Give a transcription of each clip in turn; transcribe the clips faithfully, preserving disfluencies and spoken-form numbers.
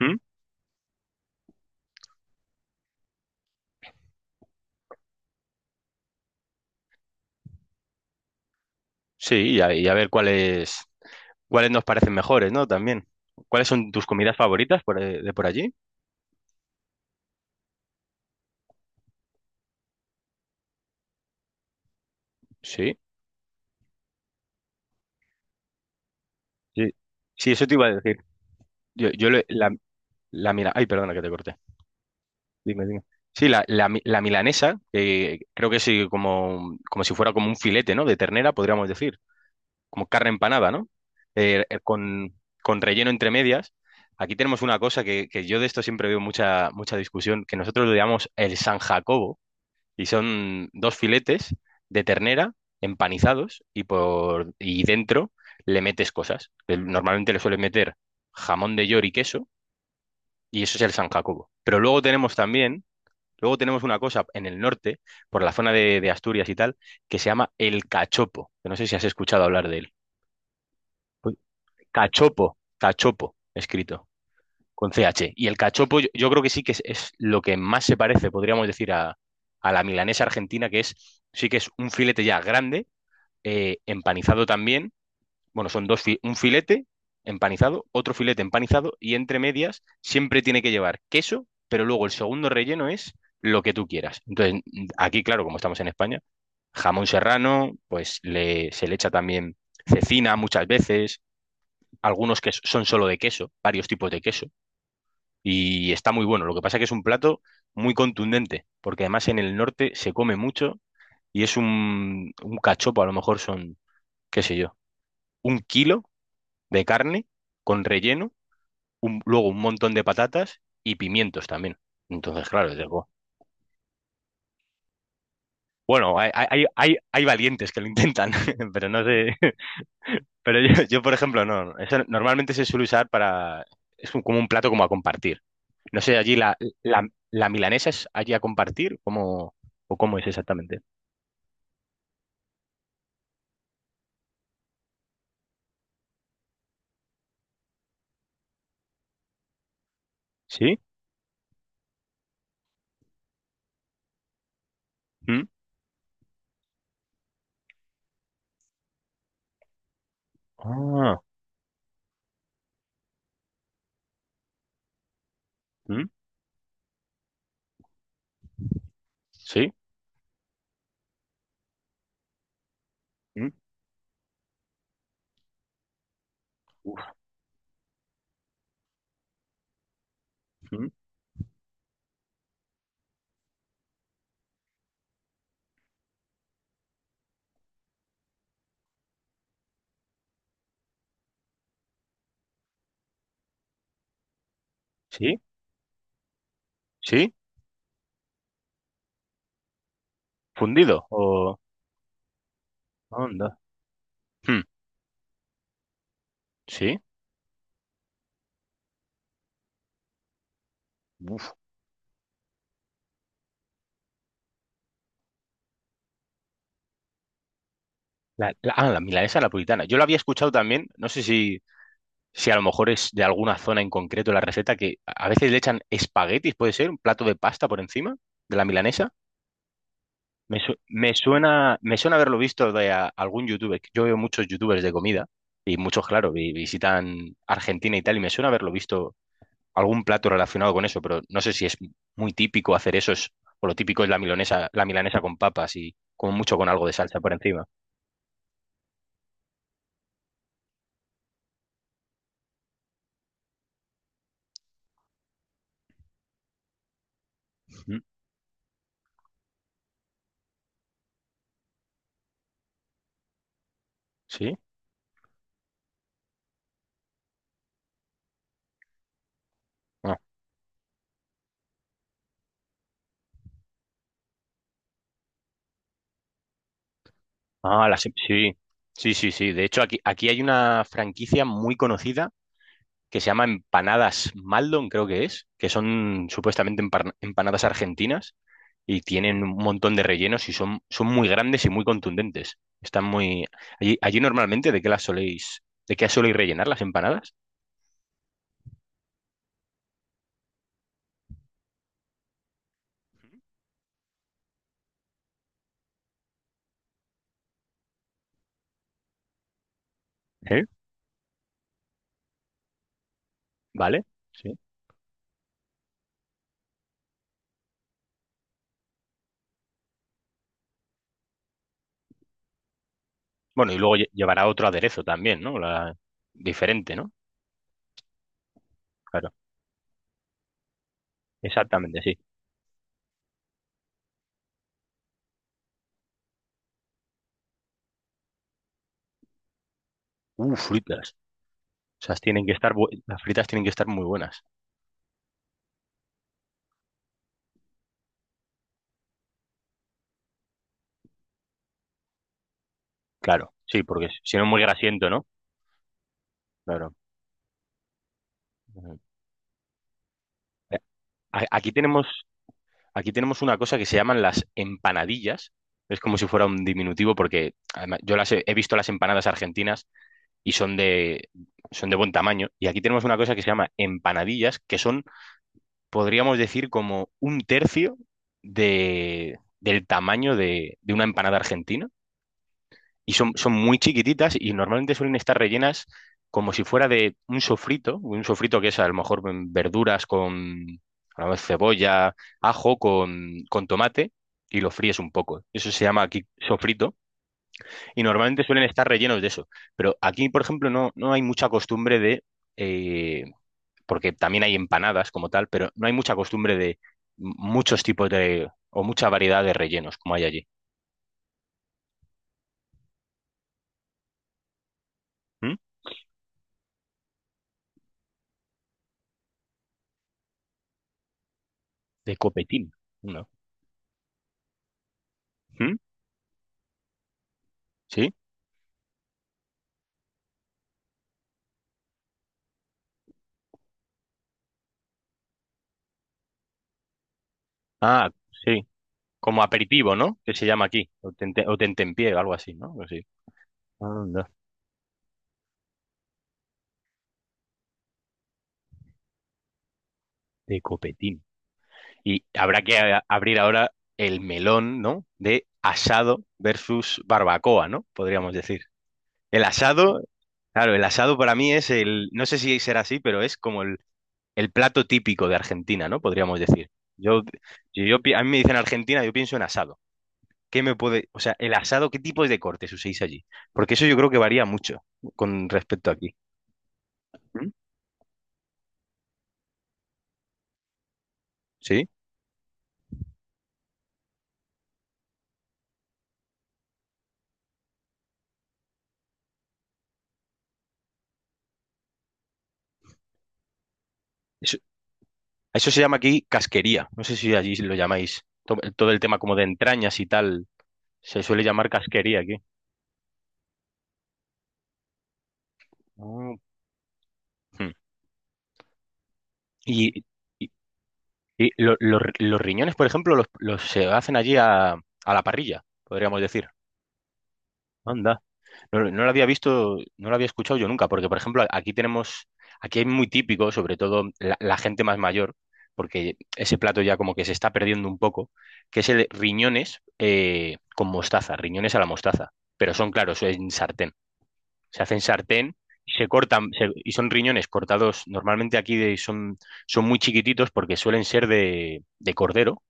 ¿Mm? Sí, y a, y a ver cuáles, cuáles nos parecen mejores, ¿no? También. ¿Cuáles son tus comidas favoritas por, eh, de por allí? Sí, sí. Sí, eso te iba a decir. Yo, yo le- la, la mila- Ay, perdona que te corté. Dime, dime. Sí, la, la, mi- la milanesa, que creo que sí, como, como si fuera como un filete, ¿no? De ternera, podríamos decir. Como carne empanada, ¿no? Eh, eh, con, con relleno entre medias. Aquí tenemos una cosa que, que yo de esto siempre veo mucha, mucha discusión, que nosotros lo llamamos el San Jacobo. Y son dos filetes de ternera empanizados y, por, y dentro le metes cosas. El- Normalmente le suelen meter jamón de york y queso y eso es el San Jacobo. Pero luego tenemos también, luego tenemos una cosa en el norte, por la zona de, de Asturias y tal, que se llama el cachopo, que no sé si has escuchado hablar de él. Pues, Cachopo, cachopo, escrito, con C H. Y el cachopo yo, yo creo que sí que es, es, lo que más se parece, podríamos decir, a, a la milanesa argentina, que es sí que es un filete ya grande, eh, empanizado también. Bueno, son dos, fi- un filete empanizado, otro filete empanizado y entre medias siempre tiene que llevar queso, pero luego el segundo relleno es lo que tú quieras. Entonces, aquí, claro, como estamos en España, jamón serrano, pues le, se le echa también cecina muchas veces, algunos que son solo de queso, varios tipos de queso y está muy bueno. Lo que pasa es que es un plato muy contundente, porque además en el norte se come mucho y es un, un cachopo, a lo mejor son, qué sé yo, un kilo de carne con relleno, un- luego un montón de patatas y pimientos también. Entonces, claro, digo, bueno, hay, hay, hay, hay valientes que lo intentan, pero no sé. Pero yo, yo, por ejemplo, no. Eso normalmente se suele usar para... Es como un plato como a compartir. No sé, allí la, la, la milanesa es allí a compartir, ¿cómo, o cómo es exactamente? ¿Sí? ¿Mm? Ah, ¿mm? ¿Sí? ¿Mm? Uf, ¿mm? ¿Sí? ¿Sí? ¿Fundido? ¿O onda? ¿Mm? ¿Sí? Uf. La, la- ah, la milanesa napolitana. Yo lo había escuchado también, no sé si, si a lo mejor es de alguna zona en concreto la receta, que a veces le echan espaguetis, ¿puede ser? ¿Un plato de pasta por encima de la milanesa? Me, su- me suena, me suena haberlo visto de a- algún youtuber. Yo veo muchos youtubers de comida y muchos, claro, vi- visitan Argentina y tal, y me suena haberlo visto algún plato relacionado con eso, pero no sé si es muy típico hacer eso, es- o lo típico es la milanesa, la milanesa con papas y como mucho con algo de salsa por encima. Ujú. ¿Sí? Ah, Ah, la, se- sí. Sí, sí, sí. De hecho, aquí, aquí hay una franquicia muy conocida que se llama Empanadas Maldon, creo que es, que son supuestamente empar- empanadas argentinas y tienen un montón de rellenos y son, son muy grandes y muy contundentes. Están muy... Allí, allí normalmente, ¿de qué las soléis, de qué soléis rellenar las empanadas? ¿Eh? ¿Vale? Sí. Bueno, y luego lle- llevará otro aderezo también, ¿no? La... Diferente, ¿no? Claro, exactamente, sí. Uh, fritas. O sea, tienen que estar bu- las fritas tienen que estar muy buenas. Claro, sí, porque si no es muy grasiento, ¿no? Claro. Ujú. A- Aquí tenemos Aquí tenemos una cosa que se llaman las empanadillas. Es como si fuera un diminutivo porque además, yo las he, he visto las empanadas argentinas y son de, son de buen tamaño. Y aquí tenemos una cosa que se llama empanadillas, que son, podríamos decir, como un tercio de, del tamaño de, de una empanada argentina y son, son muy chiquititas y normalmente suelen estar rellenas como si fuera de un sofrito, un sofrito que es a lo mejor mm, verduras con a lo mejor cebolla, ajo, con, con tomate y lo fríes un poco. Eso se llama aquí sofrito y normalmente suelen estar rellenos de eso. Pero aquí, por ejemplo, no, no hay mucha costumbre de, eh, porque también hay empanadas como tal, pero no hay mucha costumbre de m- muchos tipos de, o mucha variedad de rellenos como hay allí. ¿Mm? De copetín, ¿no? ¿Mm? ¿Sí? Ah, sí. Como aperitivo, ¿no? Que se llama aquí. O tente, o tentempié o algo así, ¿no? Algo así. Anda, de copetín. Y habrá que a- abrir ahora el melón, ¿no? De asado versus barbacoa, ¿no? Podríamos decir. El asado, claro, el asado para mí es el, no sé si será así, pero es como el, el plato típico de Argentina, ¿no? Podríamos decir. Yo, si yo, pi- a mí me dicen Argentina, yo pienso en asado. ¿Qué me puede, o sea, el asado, qué tipos de cortes uséis allí? Porque eso yo creo que varía mucho con respecto a aquí. ¿Mm? Sí. Eso, eso se llama aquí casquería. No sé si allí lo llamáis. To- Todo el tema como de entrañas y tal. Se suele llamar casquería aquí. Mm. Hmm. Y, y- y lo- lo- los riñones, por ejemplo, los, los se hacen allí a, a la parrilla, podríamos decir. Anda. No, lo no lo había visto, no lo había escuchado yo nunca, porque por ejemplo a- aquí tenemos, aquí hay muy típico, sobre todo la, la, gente más mayor, porque ese plato ya como que se está perdiendo un poco, que es el riñones eh, con mostaza, riñones a la mostaza, pero son claros, en sartén, se hacen sartén y se cortan se- y son riñones cortados, normalmente aquí de- son, son muy chiquititos porque suelen ser de, de cordero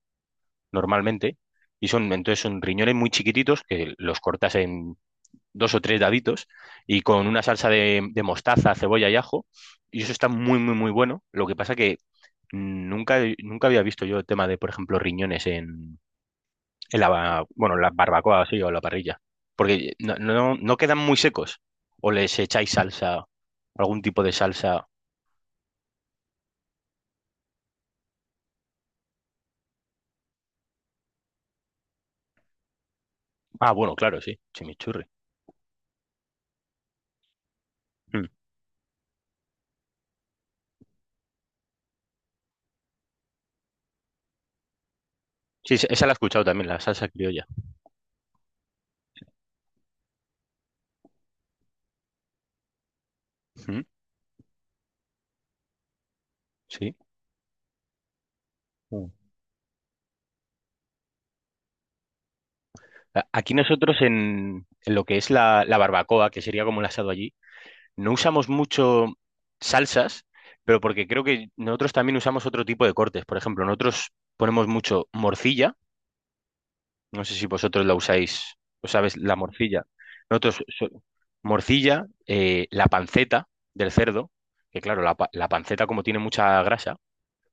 normalmente. Y son, entonces son riñones muy chiquititos que los cortas dos o tres daditos y con una salsa de, de mostaza, cebolla y ajo. Y eso está muy, muy, muy bueno. Lo que pasa que nunca, nunca había visto yo el tema de, por ejemplo, riñones en, en la, ba- bueno, en la barbacoa sí, o la parrilla. Porque no, no, no quedan muy secos. O les echáis salsa, algún tipo de salsa. Ah, bueno, claro, sí, chimichurri. Mm. Sí, esa esa la he escuchado también, la salsa criolla. Mm, sí. Mm. A- Aquí nosotros en, en, lo que es la, la barbacoa, que sería como el asado allí, no usamos mucho salsas, pero porque creo que nosotros también usamos otro tipo de cortes. Por ejemplo, nosotros ponemos mucho morcilla. No sé si vosotros la usáis, o sabes, la morcilla. Nosotros so- morcilla, eh, la panceta del cerdo, que claro, la, pa- la panceta como tiene mucha grasa,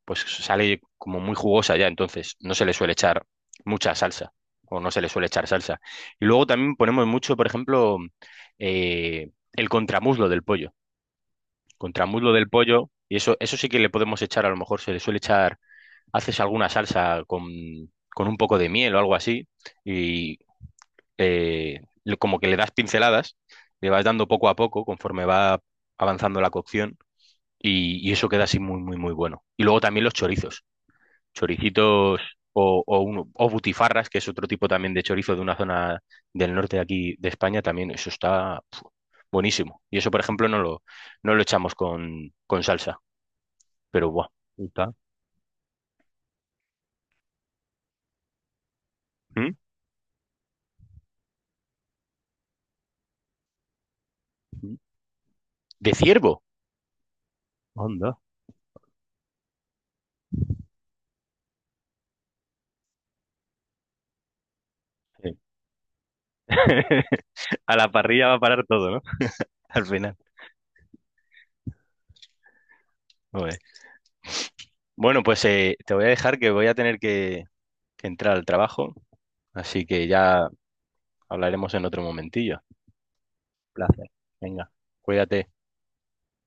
pues sale como muy jugosa ya, entonces no se le suele echar mucha salsa, o no se le suele echar salsa. Y luego también ponemos mucho, por ejemplo, eh, el contramuslo del pollo contramuslo del pollo, y eso, eso sí que le podemos echar, a lo mejor se le suele echar, haces alguna salsa con, con un poco de miel o algo así, y eh, le- como que le das pinceladas, le vas dando poco a poco conforme va avanzando la cocción, y, y eso queda así muy, muy, muy bueno. Y luego también los chorizos, choricitos o, o, uno- o butifarras, que es otro tipo también de chorizo de una zona del norte de aquí de España, también eso está pf, buenísimo. Y eso, por ejemplo, no lo, no lo echamos con, con, salsa. Pero guau, puta. ¿Mm? De ciervo. Onda. Sí. A la parrilla va a parar todo, ¿no? Al final. Joder. Bueno, pues eh, te voy a dejar que voy a tener que, que entrar al trabajo, así que ya hablaremos en otro momentillo. Placer. Venga, cuídate.